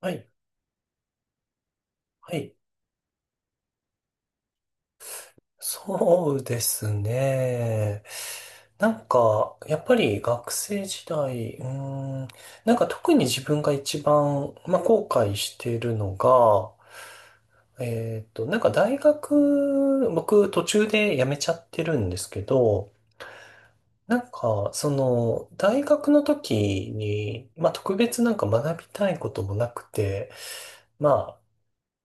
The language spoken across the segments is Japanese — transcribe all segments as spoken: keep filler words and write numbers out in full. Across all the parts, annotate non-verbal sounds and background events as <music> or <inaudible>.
はい、はい。そうですね。なんか、やっぱり学生時代、うーん、なんか特に自分が一番、まあ、後悔しているのが、えっと、なんか大学、僕途中で辞めちゃってるんですけど、なんか、その、大学の時に、まあ、特別なんか学びたいこともなくて、まあ、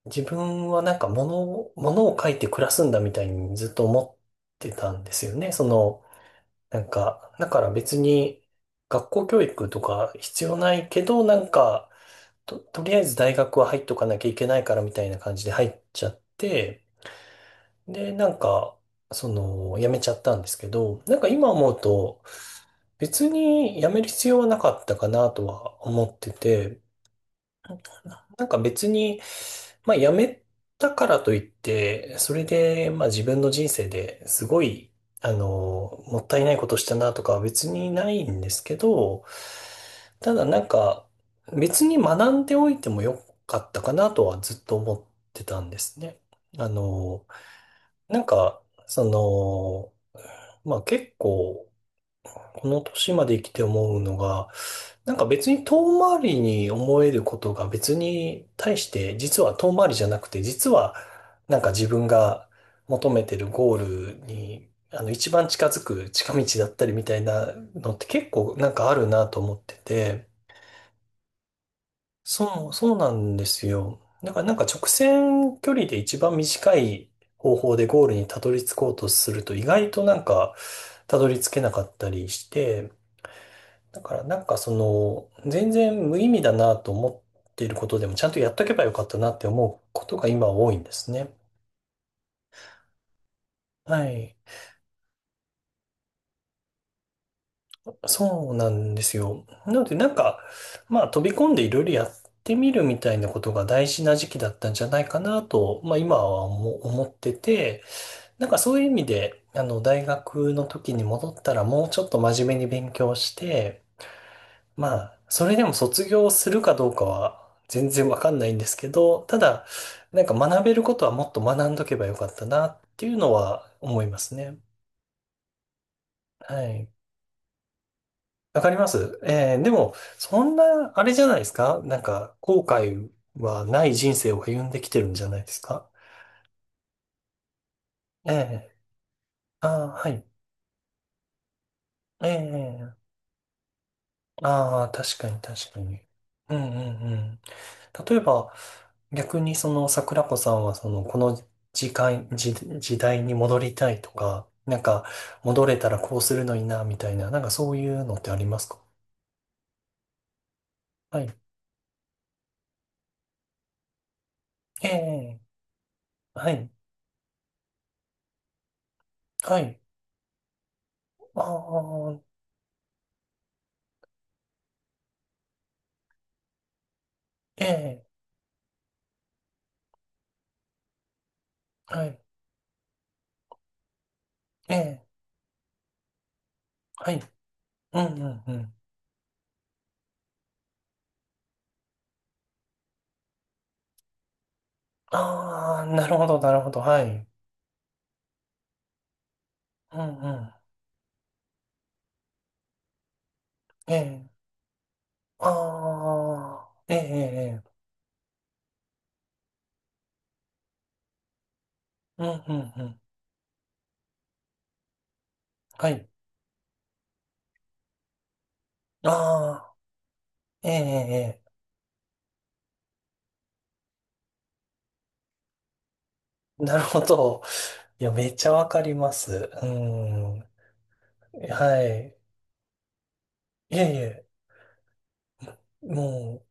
自分はなんか物を、物を書いて暮らすんだみたいにずっと思ってたんですよね。その、なんか、だから別に学校教育とか必要ないけど、なんか、と、とりあえず大学は入っとかなきゃいけないからみたいな感じで入っちゃって、で、なんか、その、辞めちゃったんですけど、なんか今思うと、別に辞める必要はなかったかなとは思ってて、なんか別に、まあ辞めたからといって、それで、まあ自分の人生ですごい、あの、もったいないことしたなとかは別にないんですけど、ただなんか別に学んでおいてもよかったかなとはずっと思ってたんですね。あの、なんか、その、まあ結構、この年まで生きて思うのが、なんか別に遠回りに思えることが別に対して実は遠回りじゃなくて、実はなんか自分が求めてるゴールに、あの、一番近づく近道だったりみたいなのって結構なんかあるなと思ってて、そうそうなんですよ。だからなんか直線距離で一番短い方法でゴールにたどり着こうとすると、意外となんかたどり着けなかったりして、だからなんかその、全然無意味だなと思っていることでも、ちゃんとやっとけばよかったなって思うことが今多いんですね。はい。そうなんですよ。なのでなんか、まあ飛び込んでいろいろやってみるみたいなことが大事な時期だったんじゃないかなと、まあ今は思思ってて、なんかそういう意味で、あの大学の時に戻ったらもうちょっと真面目に勉強して、まあ、それでも卒業するかどうかは全然わかんないんですけど、ただ、なんか学べることはもっと学んどけばよかったなっていうのは思いますね。はい。わかります。えーでも、そんな、あれじゃないですか。なんか、後悔はない人生を歩んできてるんじゃないですか？ええ、ああー、はい。ええ、ああ、確かに確かに。うんうんうん。例えば、逆にその桜子さんはそのこの時間、時、時代に戻りたいとか、なんか戻れたらこうするのにな、みたいな、なんかそういうのってありますか？はい。ええ、はい。はい。ああ、ええ、はい。ええ、はい。うんうんうん。ああ、なるほど、なるほど。はい。うんうん。ええ、ああ、ええ、ええ、ええ、うんうんうん。はい。ああ、ええ、ええ、ええ <laughs> なるほど。いや、めっちゃわかります。うん。はい。いえいえ、も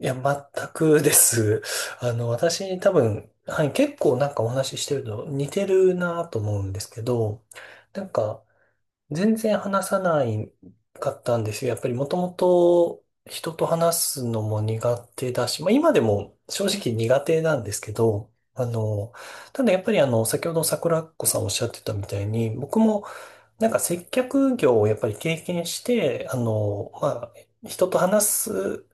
う、いや、全くです。<laughs> あの、私、多分、はい、結構なんかお話ししてると似てるなと思うんですけど、なんか、全然話さないかったんですよ。やっぱりもともと人と話すのも苦手だし、まあ今でも正直苦手なんですけど、あの、ただやっぱりあの、先ほど桜子さんおっしゃってたみたいに、僕もなんか接客業をやっぱり経験して、あの、まあ、人と話す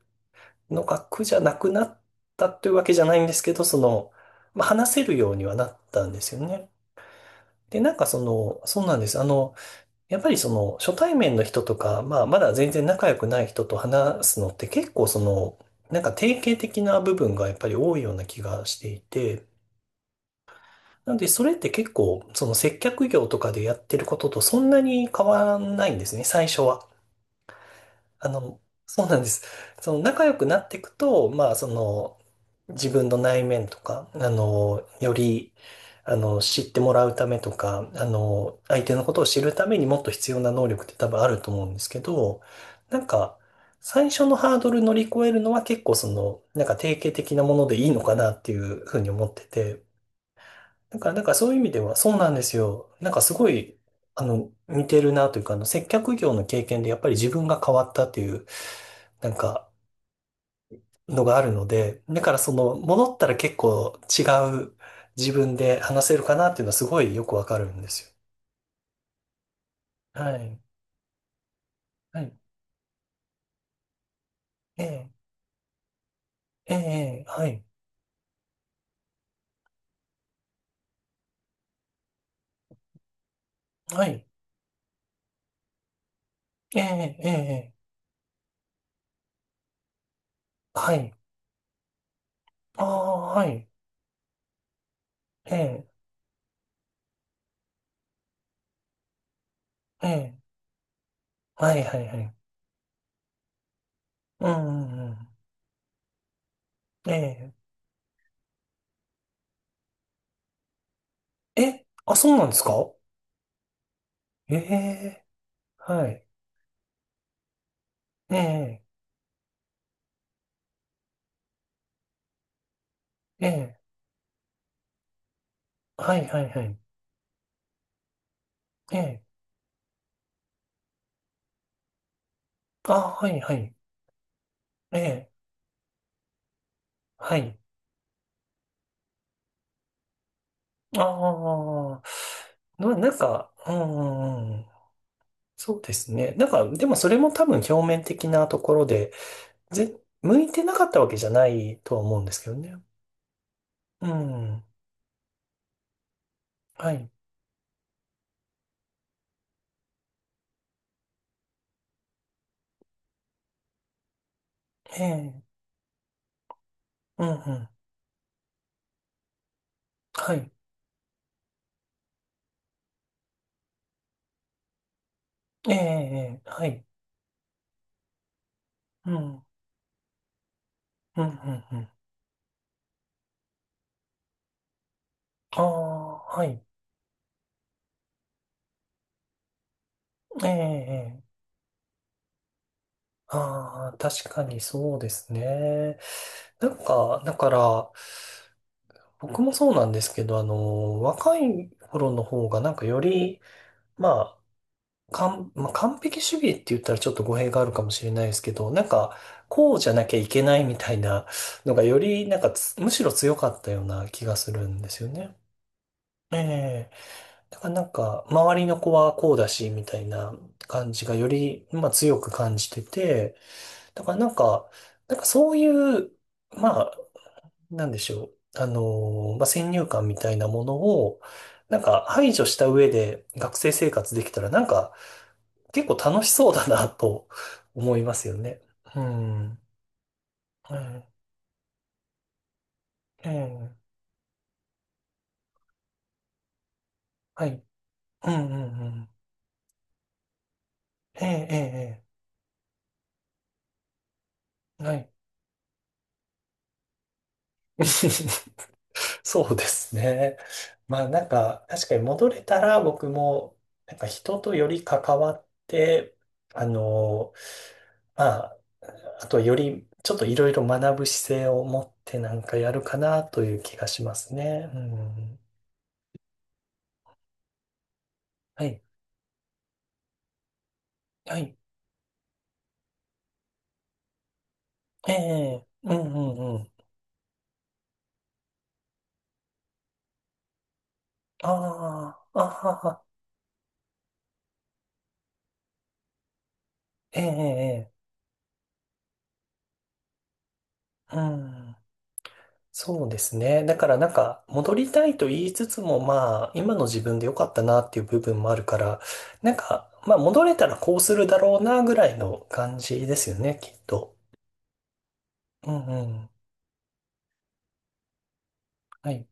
のが苦じゃなくなったというわけじゃないんですけど、その、まあ話せるようにはなったんですよね。で、なんかその、そうなんです。あの、やっぱりその初対面の人とか、まあまだ全然仲良くない人と話すのって結構その、なんか定型的な部分がやっぱり多いような気がしていて、なのでそれって結構その接客業とかでやってることとそんなに変わらないんですね、最初は。あの、そうなんです。その仲良くなっていくと、まあ、その、自分の内面とか、あの、より、あの、知ってもらうためとか、あの、相手のことを知るためにもっと必要な能力って多分あると思うんですけど、なんか、最初のハードル乗り越えるのは結構その、なんか定型的なものでいいのかなっていうふうに思ってて、だから、なんかそういう意味では、そうなんですよ。なんかすごい、あの、似てるなというか、あの、接客業の経験でやっぱり自分が変わったっていう、なんか、のがあるので、だからその、戻ったら結構違う自分で話せるかなっていうのはすごいよくわかるんですよ。はい。はい。ええ、ええ、ええ、はい。はい。ええ、ええ、ええ、はい。ああ、はい。ええ、ええ、はい、はい、はい。うん、うん、うん。ええ、え、あ、そうなんですか？ええ、はい。ええ、ええ、はい、はい、はい。ええ、あ、はい、はい。ええ、はい。ああ、まなんか、うんうんうん、そうですね。なんか、でもそれも多分表面的なところで、ぜ、向いてなかったわけじゃないとは思うんですけどね。うん。はい。ええ。うんうん。はい。ええ、ええ、はい。うん。うんうんうん。ああ、はい。ええ、ええ。ああ、確かにそうですね。なんか、だから、僕もそうなんですけど、あの、若い頃の方がなんかより、まあ、完、まあ、完璧主義って言ったらちょっと語弊があるかもしれないですけど、なんか、こうじゃなきゃいけないみたいなのがより、なんかつむしろ強かったような気がするんですよね。ええ。だからなんか、周りの子はこうだし、みたいな感じがより、まあ強く感じてて、だからなんか、なんかそういう、まあ、なんでしょう。あのー、まあ、先入観みたいなものを、なんか排除した上で学生生活できたら、なんか結構楽しそうだなと思いますよね。うん。うん。ええ。はい。うんうんうん。ええ、ええ、ええ、はい。<laughs> そうですね。まあなんか、確かに戻れたら僕も、なんか人とより関わって、あのー、まあと、より、ちょっといろいろ学ぶ姿勢を持ってなんかやるかなという気がしますね。うん。はい。はい。ええ、うんうんうん。ああ、あはは。ええ、ええ、うん。そうですね。だからなんか、戻りたいと言いつつも、まあ、今の自分で良かったなっていう部分もあるから、なんか、まあ、戻れたらこうするだろうなぐらいの感じですよね、きっと。うんうん。はい。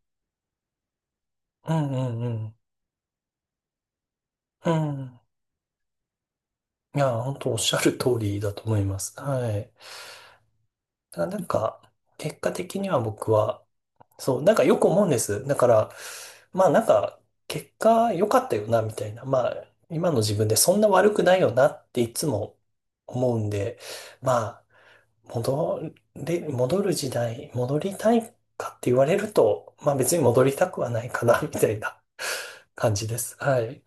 うんうんうん。うん。いや、本当おっしゃる通りだと思います。はい。ただなんか、結果的には僕は、そう、なんかよく思うんです。だから、まあなんか、結果良かったよな、みたいな。まあ、今の自分でそんな悪くないよなっていつも思うんで、まあ、戻れ、戻る時代、戻りたいかって言われると、まあ別に戻りたくはないかな、みたいな感じです。はい。